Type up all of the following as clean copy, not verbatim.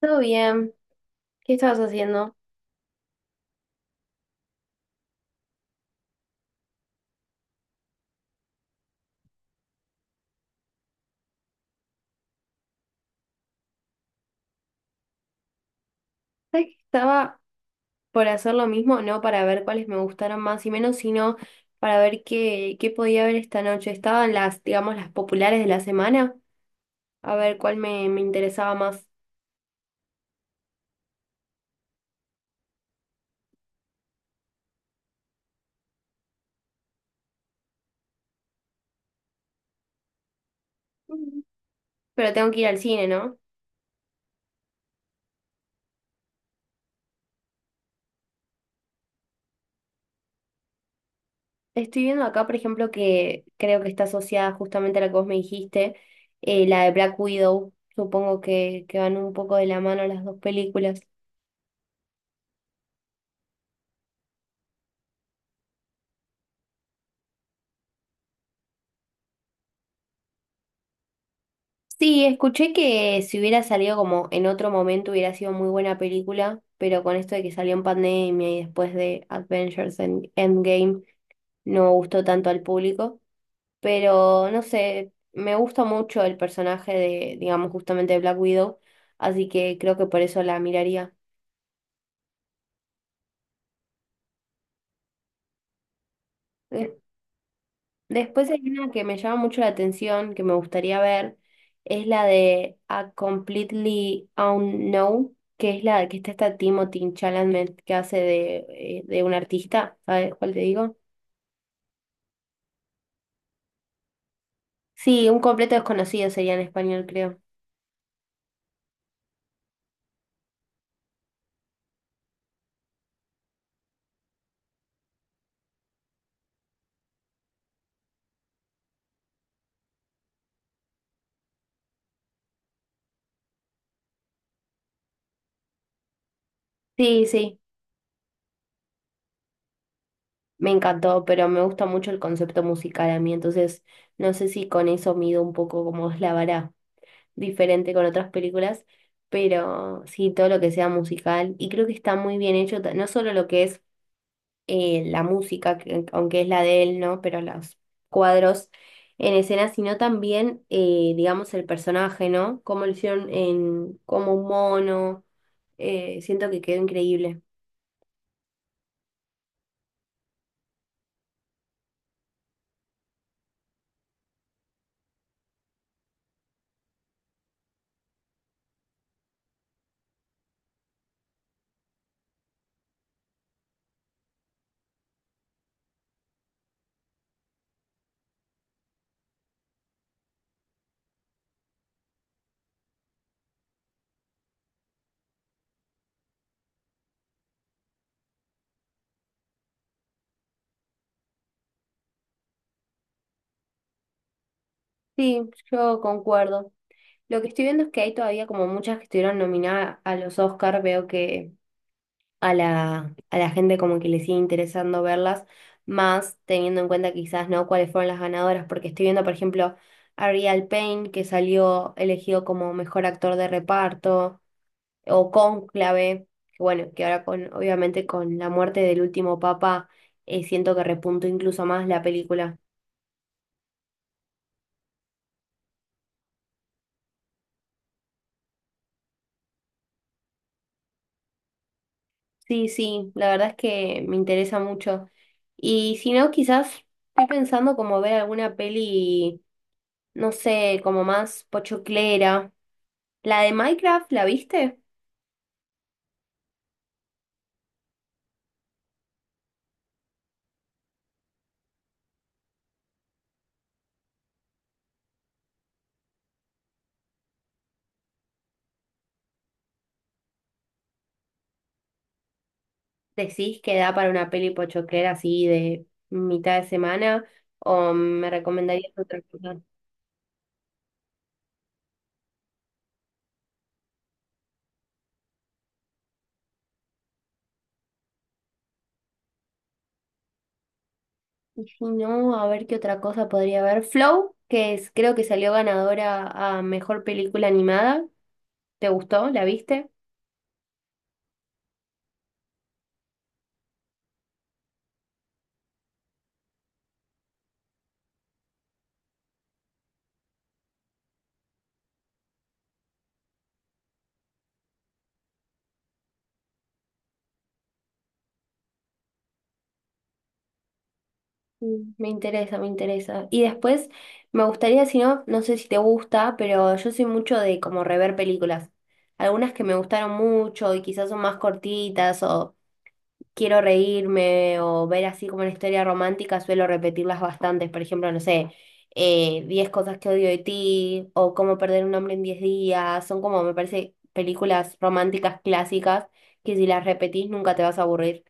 Todo bien. ¿Qué estabas haciendo? ¿Sabes que estaba por hacer lo mismo? No para ver cuáles me gustaron más y menos, sino para ver qué podía ver esta noche. Estaban las, digamos, las populares de la semana, a ver cuál me interesaba más. Mm. Pero tengo que ir al cine, ¿no? Estoy viendo acá, por ejemplo, que creo que está asociada justamente a la que vos me dijiste, la de Black Widow. Supongo que van un poco de la mano las dos películas. Sí, escuché que si hubiera salido como en otro momento hubiera sido muy buena película, pero con esto de que salió en pandemia y después de Avengers Endgame no gustó tanto al público, pero no sé, me gusta mucho el personaje de, digamos, justamente de Black Widow, así que creo que por eso la miraría. Después hay una que me llama mucho la atención, que me gustaría ver, es la de A Completely Unknown, que es la que está esta Timothy Chalamet que hace de un artista, ¿sabes cuál te digo? Sí, un completo desconocido sería en español, creo. Sí, sí, me encantó, pero me gusta mucho el concepto musical a mí, entonces no sé si con eso mido un poco cómo es la vara diferente con otras películas, pero sí, todo lo que sea musical, y creo que está muy bien hecho, no solo lo que es la música, aunque es la de él, ¿no? Pero los cuadros en escena, sino también, digamos, el personaje, ¿no? Cómo lo hicieron en, como un mono. Siento que quedó increíble. Sí, yo concuerdo. Lo que estoy viendo es que hay todavía como muchas que estuvieron nominadas a los Oscar, veo que a la gente como que le sigue interesando verlas, más teniendo en cuenta quizás, ¿no? Cuáles fueron las ganadoras, porque estoy viendo, por ejemplo, Ariel Payne, que salió elegido como mejor actor de reparto, o Cónclave, que bueno, que ahora con, obviamente con la muerte del último papa, siento que repuntó incluso más la película. Sí, sí, la verdad es que me interesa mucho. Y si no, quizás estoy pensando como ver alguna peli, no sé, como más pochoclera. La de Minecraft, ¿la viste? ¿Decís que da para una peli pochoclera así de mitad de semana? ¿O me recomendarías otra cosa? Y si no, a ver qué otra cosa podría haber. Flow, que es, creo que salió ganadora a mejor película animada. ¿Te gustó? ¿La viste? Mm, me interesa, me interesa. Y después, me gustaría, si no, no sé si te gusta, pero yo soy mucho de como rever películas. Algunas que me gustaron mucho y quizás son más cortitas o quiero reírme o ver así como una historia romántica, suelo repetirlas bastantes. Por ejemplo, no sé, 10 cosas que odio de ti o cómo perder un hombre en 10 días. Son como, me parece, películas románticas clásicas que si las repetís nunca te vas a aburrir.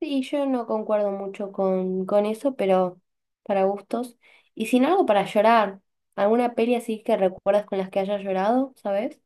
Sí, yo no concuerdo mucho con eso, pero para gustos. Y sin algo para llorar, alguna peli así que recuerdas con las que hayas llorado, ¿sabes?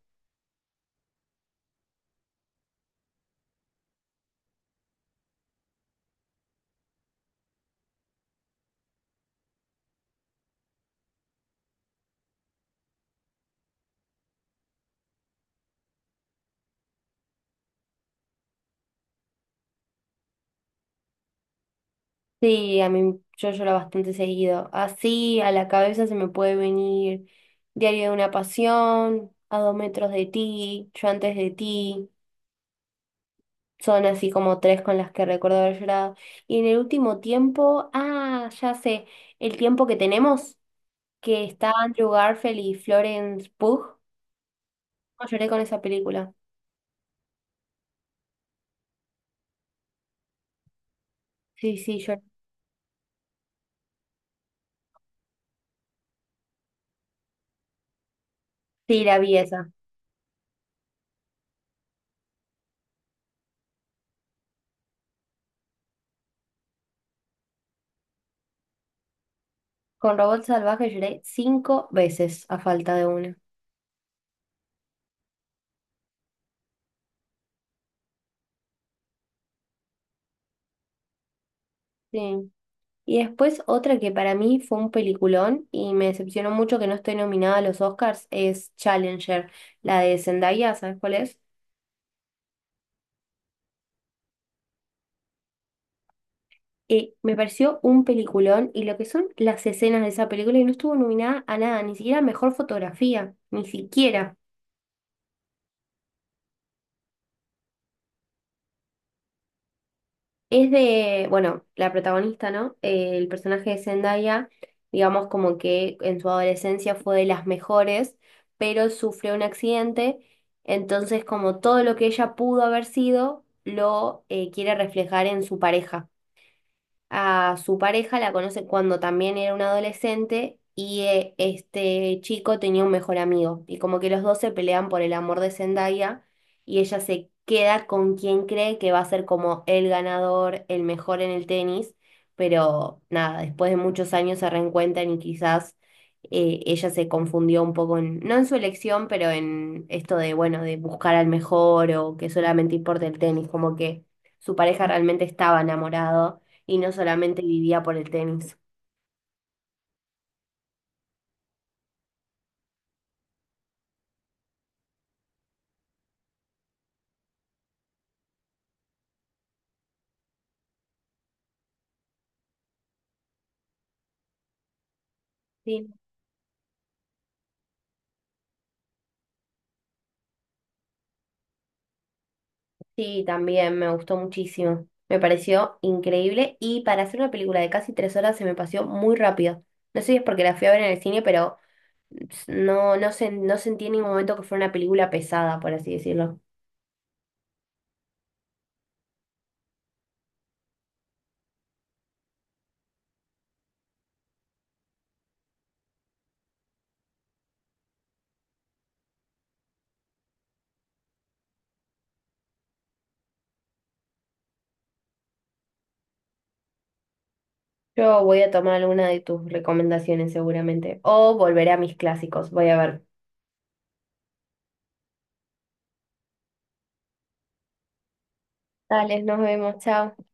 Sí, a mí yo lloro bastante seguido. Así a la cabeza se me puede venir Diario de una pasión, A dos metros de ti, Yo antes de ti. Son así como tres con las que recuerdo haber llorado. Y en el último tiempo, ah, ya sé, el tiempo que tenemos, que está Andrew Garfield y Florence Pugh. No, lloré con esa película. Sí, sí, lloré. Sí, la vi esa. Con Robot Salvaje lloré cinco veces a falta de una. Sí. Y después otra que para mí fue un peliculón y me decepcionó mucho que no esté nominada a los Oscars es Challenger, la de Zendaya, ¿sabes cuál es? Me pareció un peliculón y lo que son las escenas de esa película y no estuvo nominada a nada, ni siquiera a mejor fotografía, ni siquiera. Es de, bueno, la protagonista, ¿no? El personaje de Zendaya, digamos como que en su adolescencia fue de las mejores, pero sufrió un accidente, entonces como todo lo que ella pudo haber sido, lo quiere reflejar en su pareja a su pareja, la conoce cuando también era un adolescente y este chico tenía un mejor amigo. Y como que los dos se pelean por el amor de Zendaya y ella se queda con quien cree que va a ser como el ganador, el mejor en el tenis. Pero nada, después de muchos años se reencuentran y quizás ella se confundió un poco, no en su elección, pero en esto de, bueno, de buscar al mejor o que solamente importa el tenis, como que su pareja realmente estaba enamorado y no solamente vivía por el tenis. Sí, sí, también me gustó muchísimo. Me pareció increíble y para hacer una película de casi 3 horas se me pasó muy rápido. No sé si es porque la fui a ver en el cine, pero no, no sentí en ningún momento que fuera una película pesada, por así decirlo. Yo voy a tomar alguna de tus recomendaciones seguramente o volveré a mis clásicos. Voy a ver. Dale, nos vemos, chao.